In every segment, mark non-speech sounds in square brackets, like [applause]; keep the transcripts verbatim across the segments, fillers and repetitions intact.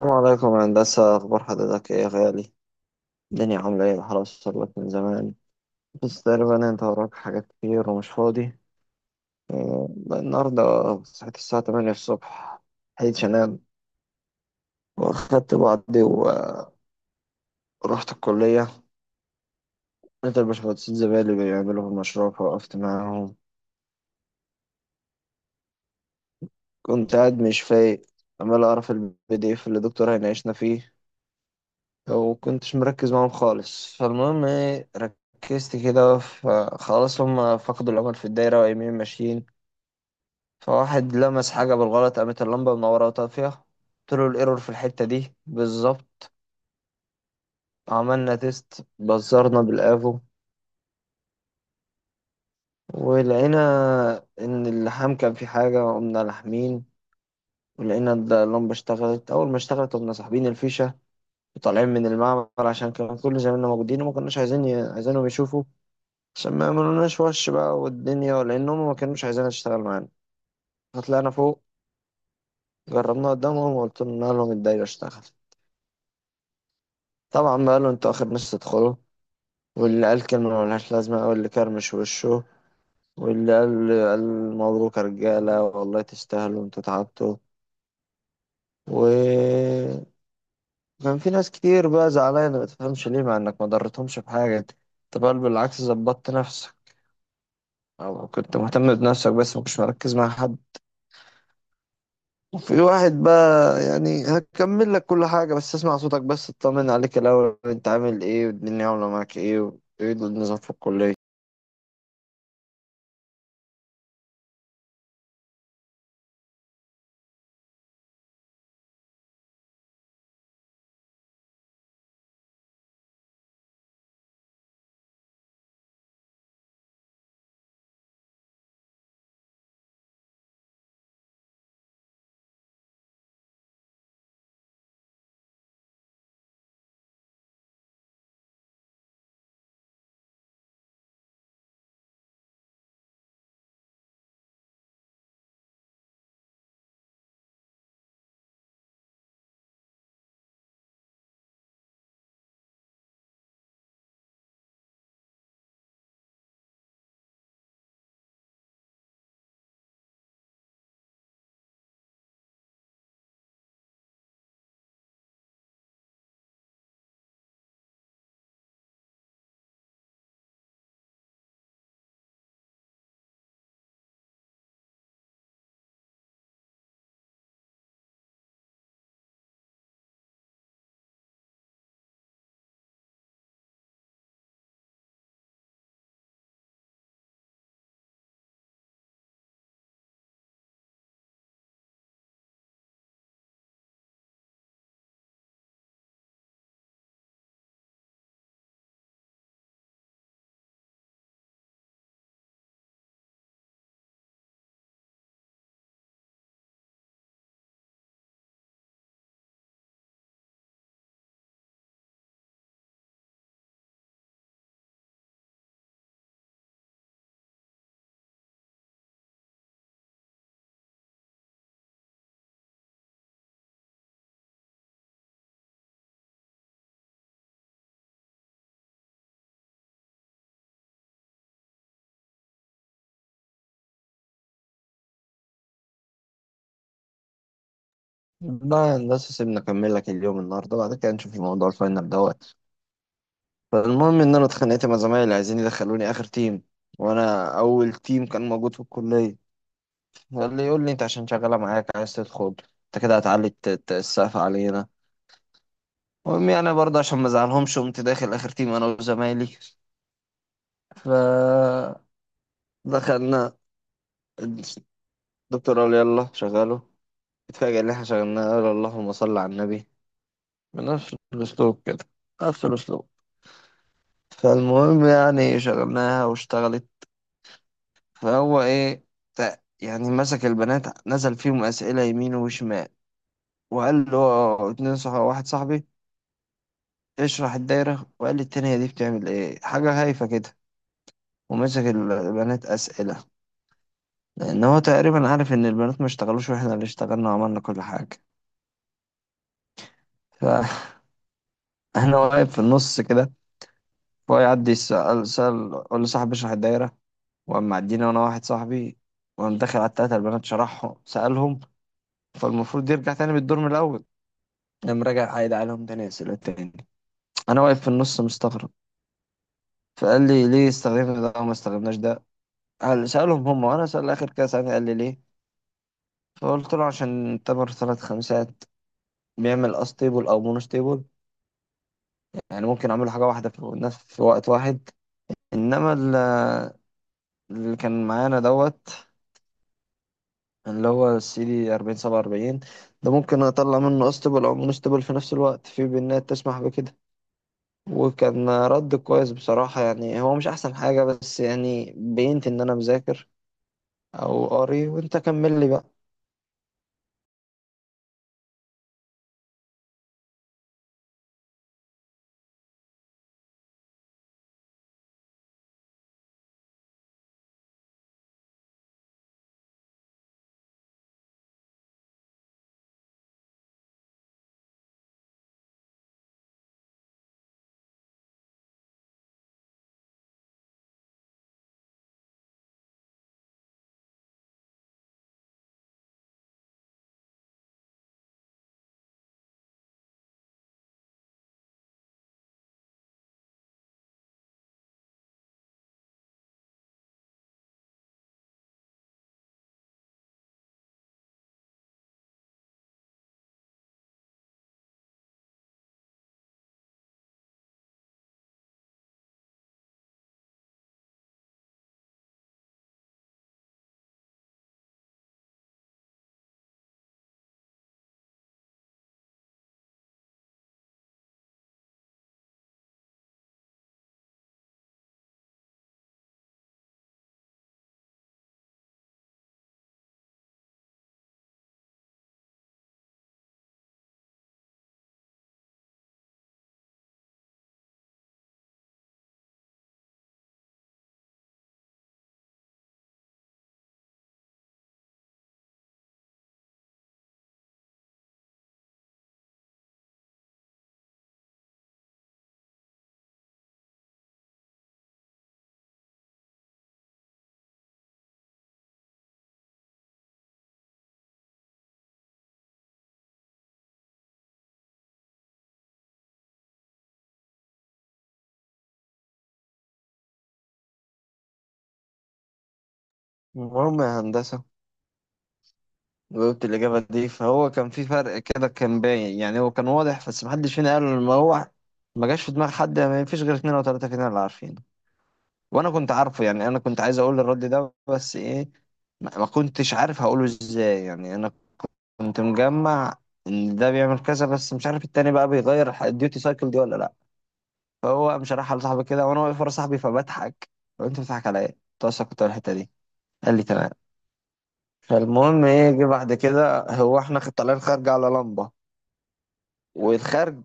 السلام عليكم يا هندسة، أخبار حضرتك إيه يا غالي؟ الدنيا عاملة إيه. الحرس وصلت من زمان بس تقريبا أنت وراك حاجات كتير ومش فاضي. بقى النهاردة صحيت الساعة تمانية الصبح، لحقتش أنام وأخدت بعضي ورحت الكلية. لقيت الباشمهندسين زمايلي بيعملوا في المشروع فوقفت معاهم. كنت قاعد مش فايق، عمال أعرف البي دي إف اللي الدكتور هيناقشنا فيه، وكنتش مركز معاهم خالص. فالمهم إيه، ركزت كده، فخلاص هما فقدوا الأمل في الدايرة وقايمين ماشيين. فواحد لمس حاجة بالغلط، قامت اللمبة منورة وطافية، قلت له الايرور في الحتة دي بالظبط. عملنا تيست بزرنا بالافو، ولقينا ان اللحام كان في حاجة، قمنا لاحمين ولقينا إن اللمبة اشتغلت. أول ما اشتغلت قمنا ساحبين الفيشة وطالعين من المعمل، عشان كان كل زمايلنا موجودين وما كناش عايزين ي... عايزينهم يشوفوا، عشان ما يعملوناش وش بقى والدنيا، لأنهم ما كانوش عايزينها تشتغل معانا. فطلعنا فوق، جربناها قدامهم وقلت لهم، قال لهم الدايرة اشتغلت. طبعا بقى قالوا انتوا آخر ناس تدخلوا، واللي قال كلمة ملهاش لازمة، أو اللي كرمش وشه، واللي قال قال مبروك يا رجالة والله تستاهلوا انتوا تعبتوا. و كان في ناس كتير بقى زعلانة ما تفهمش ليه، مع انك ما ضرتهمش بحاجة انت. أنت بل بالعكس ظبطت نفسك او كنت مهتم بنفسك بس ما كنتش مركز مع حد. وفي واحد بقى يعني هكمل لك كل حاجة بس اسمع صوتك، بس اطمن عليك الأول، انت عامل ايه والدنيا عاملة معاك ايه، وايه النظام في الكلية. لا هندسة سيبنا أكمل لك اليوم النهاردة، بعد كده نشوف الموضوع الفاينل دوت. فالمهم إن أنا اتخانقت مع زمايلي عايزين يدخلوني آخر تيم، وأنا أول تيم كان موجود في الكلية. فاللي يقول لي أنت عشان شغالة معاك عايز تدخل، أنت كده هتعلي الت- الت- السقف علينا. المهم يعني برضه عشان ما أزعلهمش قمت داخل آخر تيم أنا وزمايلي. فدخلنا، الدكتور قال يلا شغله، اتفاجئ إن إحنا شغلناه، قال اللهم صل على النبي بنفس الأسلوب كده، نفس الأسلوب. فالمهم يعني شغلناها واشتغلت. فهو ايه، ت- يعني مسك البنات نزل فيهم أسئلة يمين وشمال، وقال له آه، اتنين صح واحد صاحبي اشرح الدايرة، وقال لي التانية دي بتعمل ايه، حاجة هايفة كده. ومسك البنات أسئلة، لأن هو تقريبا عارف إن البنات ما اشتغلوش وإحنا اللي اشتغلنا وعملنا كل حاجة. فأنا [laughs] واقف في النص كده. فهو يعدي يسأل، سأل قول لصاحبي اشرح الدايرة، وقام معدينا وأنا واحد صاحبي، وقام داخل على التلاتة البنات شرحهم سألهم. فالمفروض يرجع تاني بالدور من الأول، قام راجع عايد عليهم تاني أسئلة تاني. أنا واقف في النص مستغرب. فقال لي ليه استخدمنا ده وما استخدمناش ده، قال سألهم هم وأنا سأل آخر كده سألني قال لي ليه. فقلت له عشان تمر ثلاث خمسات بيعمل أستيبل أو مونوستيبل، يعني ممكن أعمل حاجة واحدة في نفس في وقت واحد. إنما ال- اللي كان معانا دوت، اللي هو السي دي أربعين سبعة وأربعين، ده ممكن أطلع منه أستيبل أو مونوستيبل في نفس الوقت، في بنات تسمح بكده. وكان رد كويس بصراحة، يعني هو مش أحسن حاجة بس يعني بينت إن أنا مذاكر أو قاري. وأنت كمل لي بقى. المهم يا هندسة، جاوبت الإجابة دي، فهو كان في فرق كده كان باين، يعني هو كان واضح بس محدش فينا قال. ما هو ما جاش في دماغ حد، ما فيش غير اتنين أو تلاتة فينا اللي عارفينه. وأنا كنت عارفه، يعني أنا كنت عايز أقول الرد ده بس إيه، ما ما كنتش عارف هقوله إزاي. يعني أنا كنت مجمع إن ده بيعمل كذا، بس مش عارف التاني بقى بيغير الديوتي سايكل دي ولا لأ. فهو قام شرحها لصاحبي كده وانا واقف ورا صاحبي فبضحك. طب انت بتضحك على ايه؟ قلت له أصل كنت أقول الحته دي، قال لي تمام. فالمهم ايه جه بعد كده، هو احنا خ- طالعين خارج على لمبه، والخارج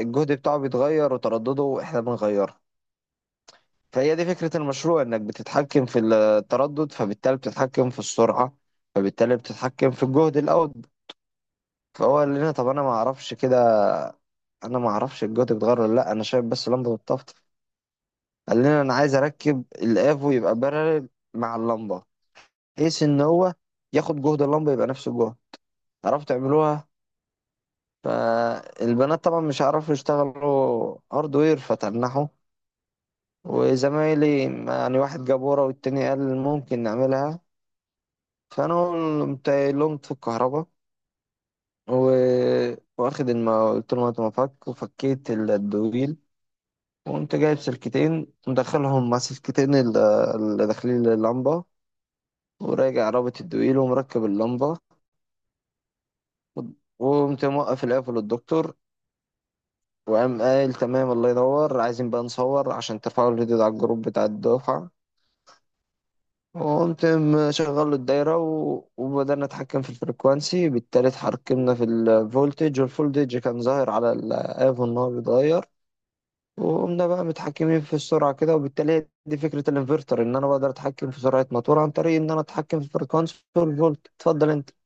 الجهد بتاعه بيتغير وتردده احنا بنغيره. فهي دي فكره المشروع، انك بتتحكم في التردد فبالتالي بتتحكم في السرعه فبالتالي بتتحكم في الجهد الاوت. فهو قال لنا طب انا ما اعرفش كده، انا ما اعرفش الجهد بيتغير ولا لا، انا شايف بس لمبه بتطفطف. قال لنا انا عايز اركب الافو يبقى بارلل مع اللمبه، قيس ان هو ياخد جهد اللمبه يبقى نفس الجهد، عرفت تعملوها. فالبنات طبعا مش عارفوا يشتغلوا هاردوير فتنحوا، وزمايلي يعني واحد جاب ورا والتاني قال ممكن نعملها. فانا قمت قايل لهم في الكهرباء، و- واخد الم... قلت لهم هاتوا مفك، وفكيت الدويل، وقمت جايب سلكتين مدخلهم مع سلكتين ال- اللي داخلين اللمبه، وراجع رابط الدويل ومركب اللمبه، وقمت موقف العيال للدكتور. وقام قال تمام الله ينور، عايزين بقى نصور عشان ترفعوا الفيديو ده على الجروب بتاع الدفعة. وقمت مشغل له الدايرة و... وبدأنا نتحكم في الفريكوانسي، بالتالي اتحكمنا في الفولتج، والفولتج كان ظاهر على الآف إن هو بيتغير. وقمنا بقى متحكمين في السرعة كده، وبالتالي هي دي فكرة الانفرتر، إن أنا بقدر أتحكم في سرعة موتور عن طريق إن أنا أتحكم في الفريكوانسي والفولت. اتفضل أنت.